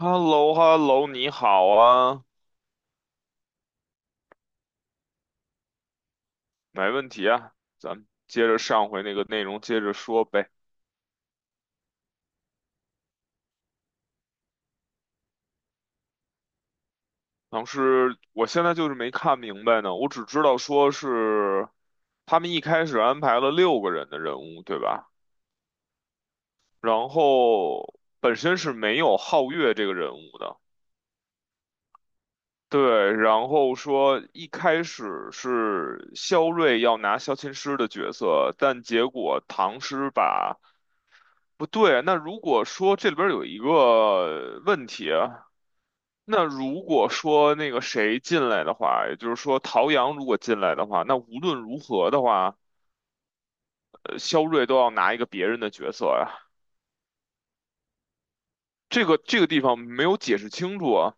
h e l l o h e l l o 你好啊，没问题啊，咱们接着上回那个内容接着说呗。当时我现在就是没看明白呢，我只知道说是他们一开始安排了六个人的人物，对吧？然后本身是没有皓月这个人物的，对。然后说一开始是萧睿要拿萧琴师的角色，但结果唐诗把。不对，那如果说这里边儿有一个问题啊，那如果说那个谁进来的话，也就是说陶阳如果进来的话，那无论如何的话，肖瑞都要拿一个别人的角色呀。这个地方没有解释清楚啊，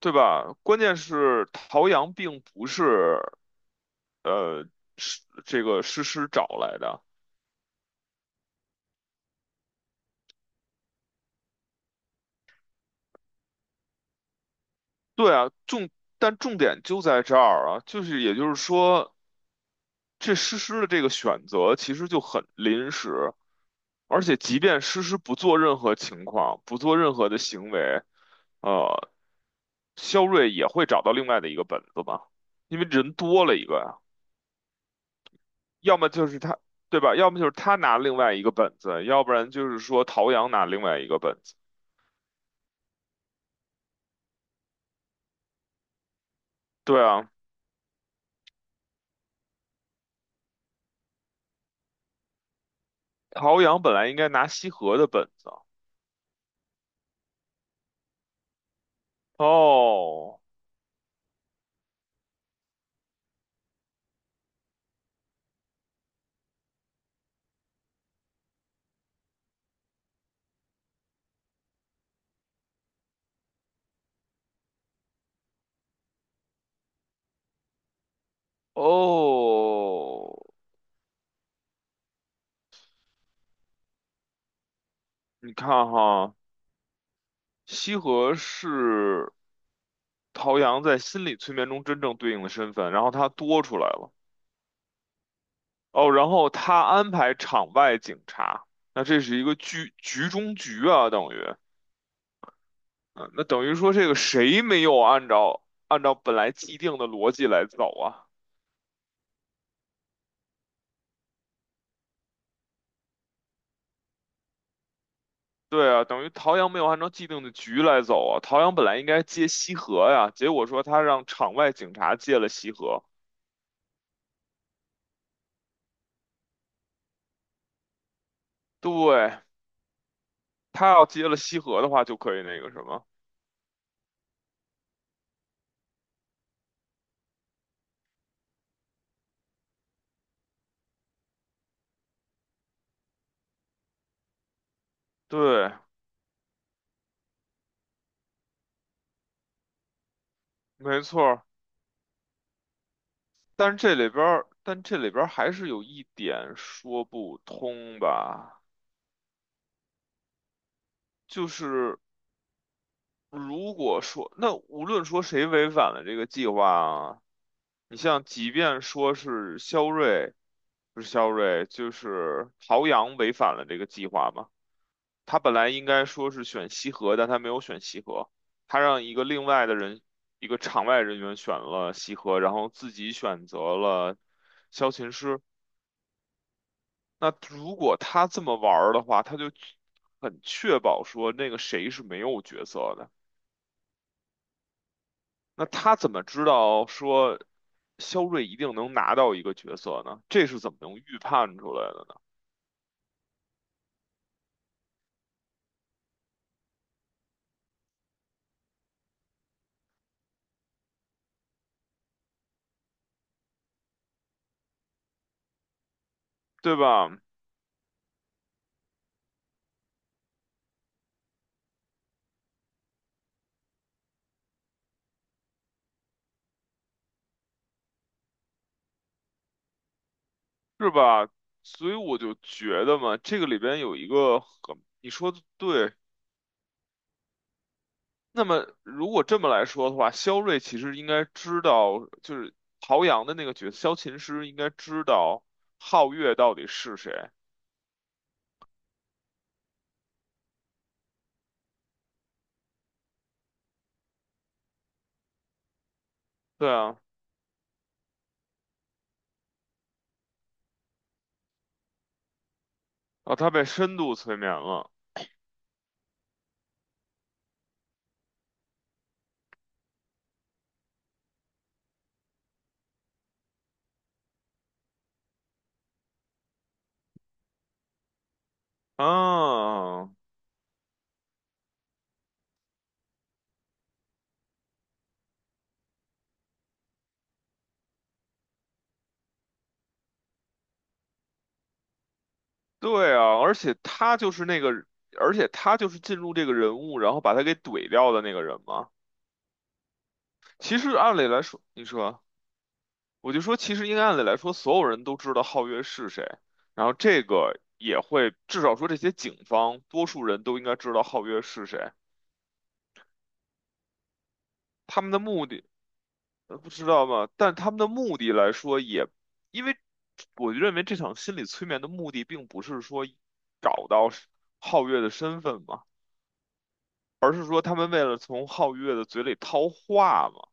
对吧？关键是陶阳并不是这个诗诗找来的，对啊，但重点就在这儿啊，就是也就是说。这诗诗的这个选择其实就很临时，而且即便诗诗不做任何情况，不做任何的行为，呃，肖瑞也会找到另外的一个本子吧？因为人多了一个呀，要么就是他，对吧？要么就是他拿另外一个本子，要不然就是说陶阳拿另外一个本子。对啊，陶阳本来应该拿西河的本子啊。哦哦，你看哈，西河是陶阳在心理催眠中真正对应的身份，然后他多出来了。哦，然后他安排场外警察，那这是一个局中局啊，等于，嗯，那等于说这个谁没有按照本来既定的逻辑来走啊？对啊，等于陶阳没有按照既定的局来走啊。陶阳本来应该接西河呀，结果说他让场外警察接了西河，对，他要接了西河的话，就可以那个什么，对，没错。但是这里边儿，但这里边儿还是有一点说不通吧，就是如果说，那无论说谁违反了这个计划啊，你像即便说是肖瑞，不是肖瑞，就是陶阳违反了这个计划嘛，他本来应该说是选西河，但他没有选西河，他让一个另外的人，一个场外人员选了西河，然后自己选择了萧琴师。那如果他这么玩儿的话，他就很确保说那个谁是没有角色的。那他怎么知道说肖瑞一定能拿到一个角色呢？这是怎么能预判出来的呢？对吧？是吧？所以我就觉得嘛，这个里边有一个很，你说的对。那么如果这么来说的话，肖瑞其实应该知道，就是陶阳的那个角色，萧琴师应该知道皓月到底是谁。对啊。哦，他被深度催眠了。啊，对啊，而且他就是那个，而且他就是进入这个人物，然后把他给怼掉的那个人嘛。其实按理来说，你说，我就说，其实应该按理来说，所有人都知道皓月是谁，然后这个也会，至少说这些警方，多数人都应该知道皓月是谁。他们的目的，不知道嘛，但他们的目的来说也，因为我认为这场心理催眠的目的并不是说找到是皓月的身份嘛，而是说他们为了从皓月的嘴里套话嘛。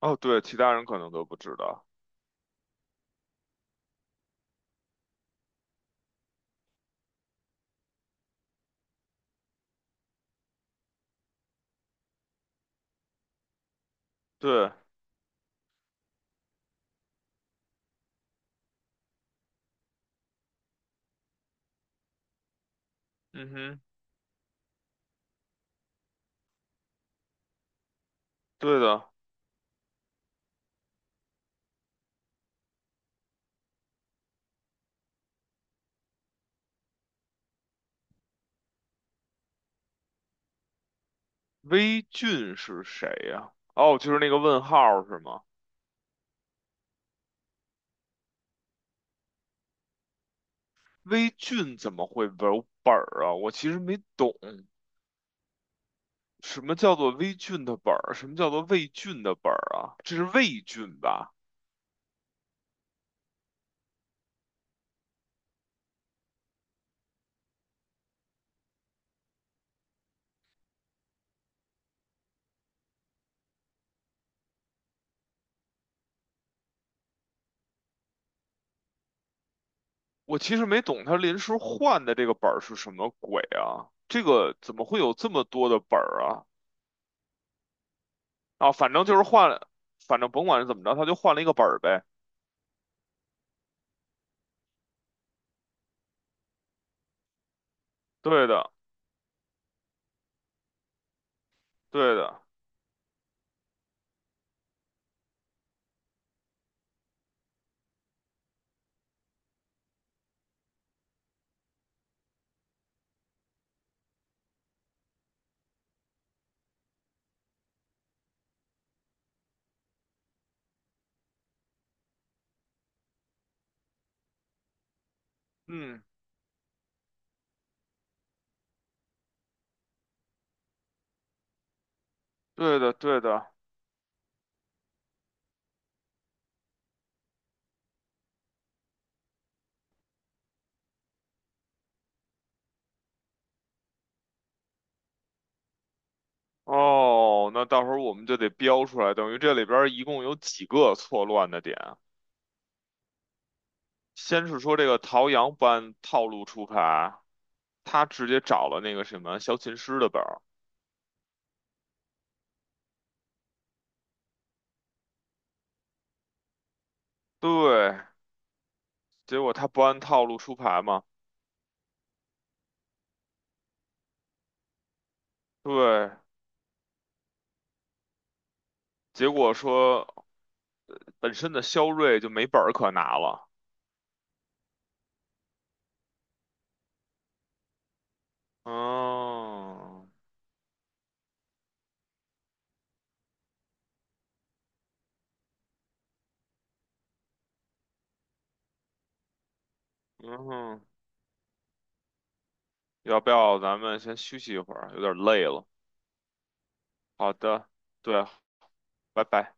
哦，对，其他人可能都不知道。对，嗯哼，对的。微俊是谁呀、哦，就是那个问号是吗？微俊怎么会有本儿啊？我其实没懂。什么叫做微菌的本儿？什么叫做魏菌的本儿啊？这是魏菌吧？我其实没懂他临时换的这个本儿是什么鬼啊？这个怎么会有这么多的本儿啊？啊，反正就是换了，反正甭管是怎么着，他就换了一个本儿呗。对的，对的，嗯，对的，对的。哦，那到时候我们就得标出来，等于这里边儿一共有几个错乱的点啊。先是说这个陶阳不按套路出牌，他直接找了那个什么小琴师的本儿。对，结果他不按套路出牌嘛，对，结果说本身的肖瑞就没本儿可拿了。嗯嗯哼要不要咱们先休息一会儿？有点累了。好的，对，拜拜。